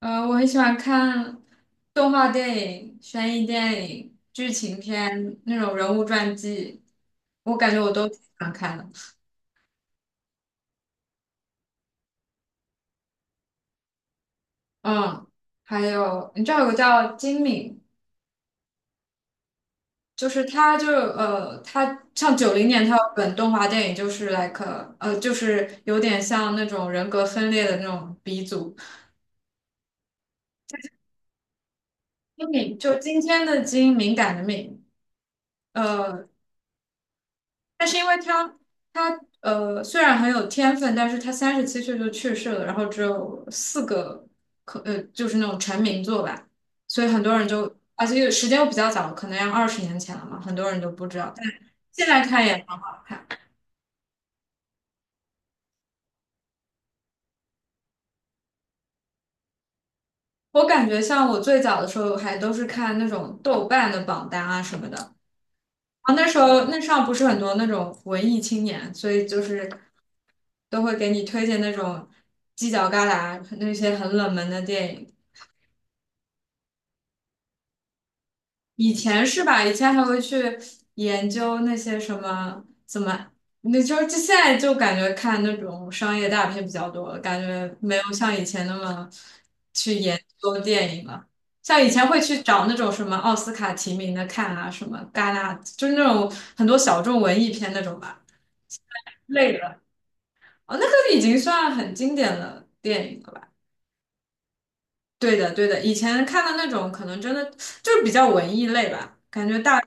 我很喜欢看动画电影、悬疑电影、剧情片那种人物传记，我感觉我都挺喜欢看的。嗯，还有你知道有个叫金敏，就是他像90年他有本动画电影，就是有点像那种人格分裂的那种鼻祖。金敏就今天的金，敏感的敏。呃。但是因为他虽然很有天分，但是他37岁就去世了，然后只有4个就是那种成名作吧，所以很多人就而且又时间又比较早，可能要20年前了嘛，很多人都不知道，但现在看也很好看。我感觉像我最早的时候还都是看那种豆瓣的榜单啊什么的，啊那时候那上不是很多那种文艺青年，所以就是都会给你推荐那种犄角旮旯那些很冷门的电影。以前是吧？以前还会去研究那些什么怎么，那就是就现在就感觉看那种商业大片比较多了，感觉没有像以前那么去研究电影了。像以前会去找那种什么奥斯卡提名的看啊，什么戛纳，就是那种很多小众文艺片那种吧。累了。哦，那个已经算很经典的电影了吧？对的，对的，以前看的那种可能真的就是比较文艺类吧，感觉大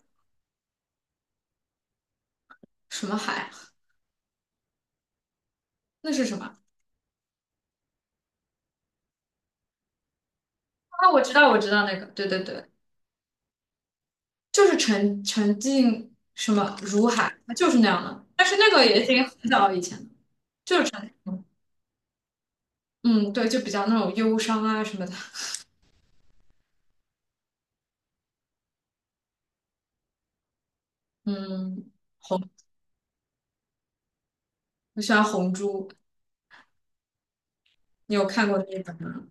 什么海，那是什么？啊，我知道，我知道那个，对对对，就是沉浸什么如海，它就是那样的。但是那个也已经很早以前了，就是沉，嗯，对，就比较那种忧伤啊什么的。嗯，红，我喜欢红珠，你有看过那一本吗？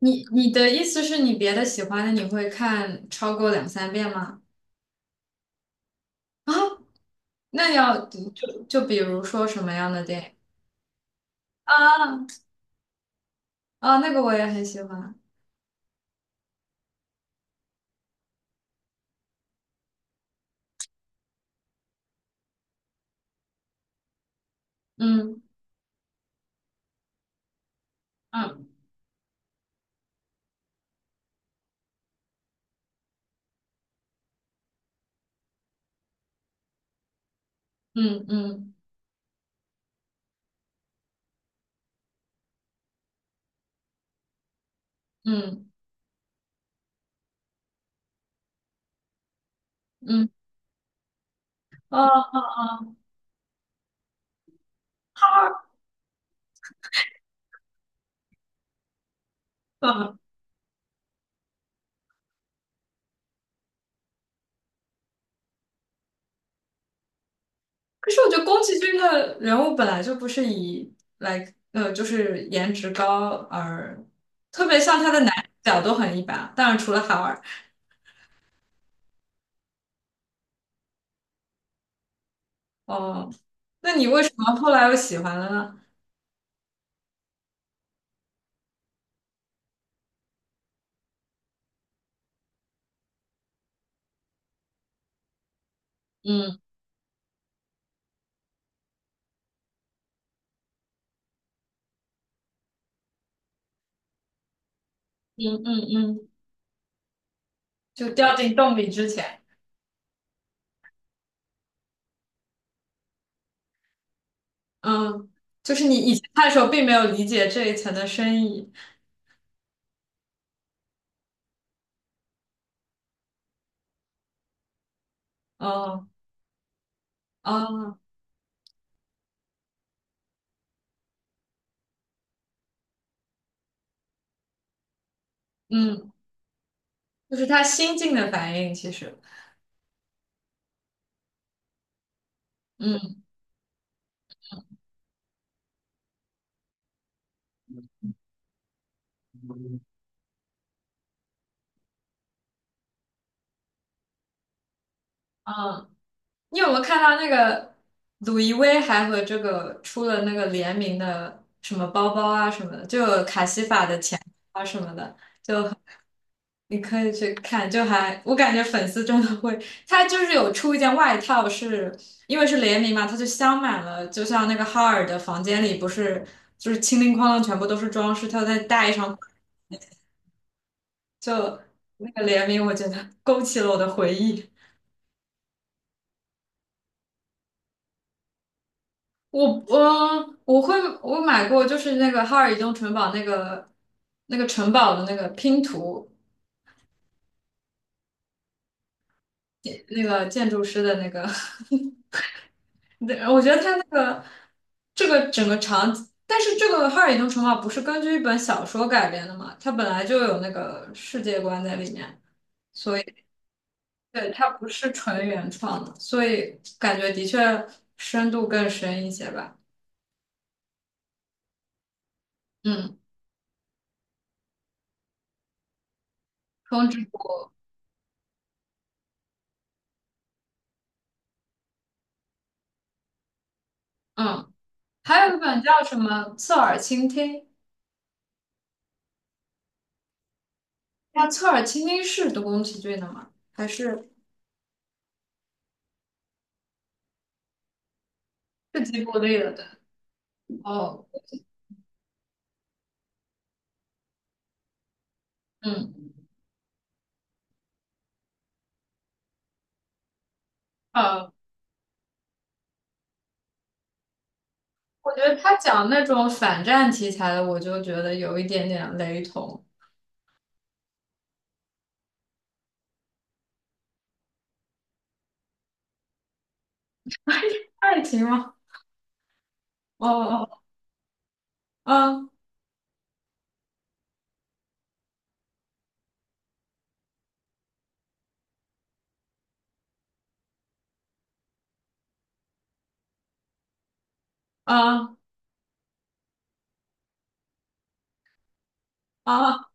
你的意思是你别的喜欢的你会看超过两三遍吗？啊，那要就比如说什么样的电影。啊啊，那个我也很喜欢，嗯嗯嗯嗯嗯嗯。嗯嗯嗯，他嗯，可是我觉得宫崎骏的人物本来就不是以就是颜值高而，特别像他的男主角都很一般，当然除了哈尔。哦，那你为什么后来又喜欢了呢？嗯嗯嗯嗯，就掉进洞里之前，嗯，就是你以前看的时候并没有理解这一层的深意。哦哦，嗯，就是他心境的反应，其实，嗯嗯。你有没有看到那个鲁易威还和这个出了那个联名的什么包包啊什么的，就有卡西法的钱啊什么的，你可以去看，就还我感觉粉丝真的会，他就是有出一件外套是，因为是联名嘛，他就镶满了，就像那个哈尔的房间里不是就是清零哐啷全部都是装饰，他再戴上就那个联名，我觉得勾起了我的回忆。我会我买过，就是那个哈尔移动城堡那个那个城堡的那个拼图，那个建筑师的那个，对，我觉得他那个这个整个场景，但是这个哈尔移动城堡不是根据一本小说改编的嘛，它本来就有那个世界观在里面，所以对它不是纯原创的，所以感觉的确深度更深一些吧。嗯，风之谷，嗯，还有一本叫什么《侧耳倾听》。那侧耳倾听是德国宫崎骏的吗？还是是吉卜力的，对，哦，嗯呃，我觉得他讲那种反战题材的，我就觉得有一点点雷同。爱情吗？哦哦哦，啊啊啊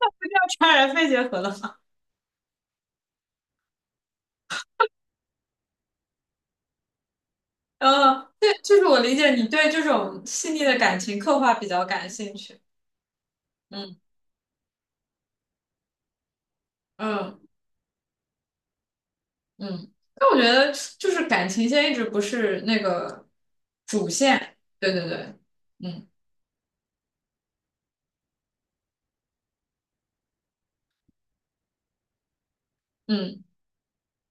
就这样怅然肺结核了吗？对，就是我理解你对这种细腻的感情刻画比较感兴趣。嗯嗯嗯，但我觉得就是感情线一直不是那个主线。对对对，嗯嗯。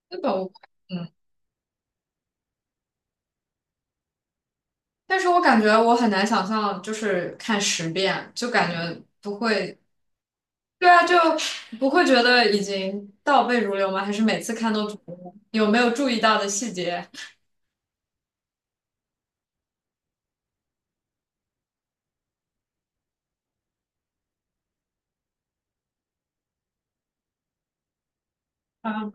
那本我嗯，但是我感觉我很难想象，就是看10遍，就感觉不会，对啊，就不会觉得已经倒背如流吗？还是每次看都觉得有没有注意到的细节？啊，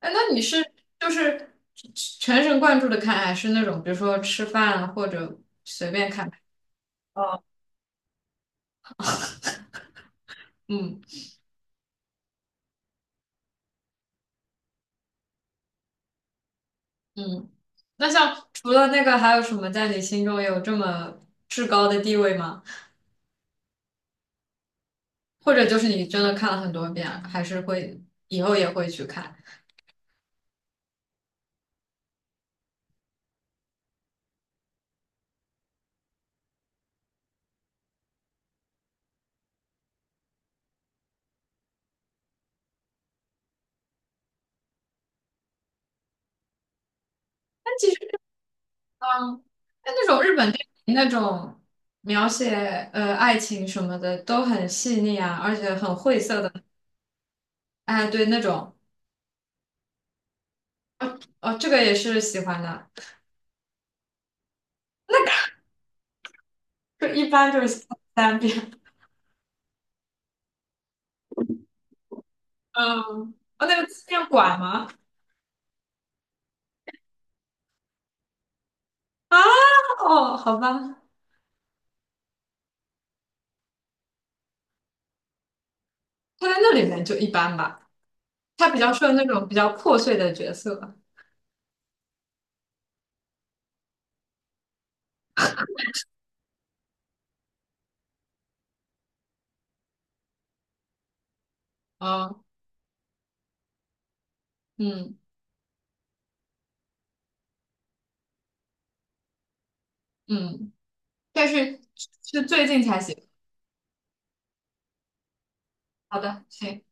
哎，那你是就是全神贯注的看，还是那种比如说吃饭啊或者随便看？哦，嗯嗯，那像除了那个，还有什么在你心中有这么至高的地位吗？或者就是你真的看了很多遍，还是会以后也会去看。但其实，嗯，但那种日本电影那种描写爱情什么的都很细腻啊，而且很晦涩的。哎，对，那种，哦哦，这个也是喜欢的，就一般就是三遍。嗯，哦，那个纪念馆吗？啊，哦，好吧，他在那里面就一般吧，他比较适合那种比较破碎的角色。啊，嗯嗯，但是是最近才喜。好的，行。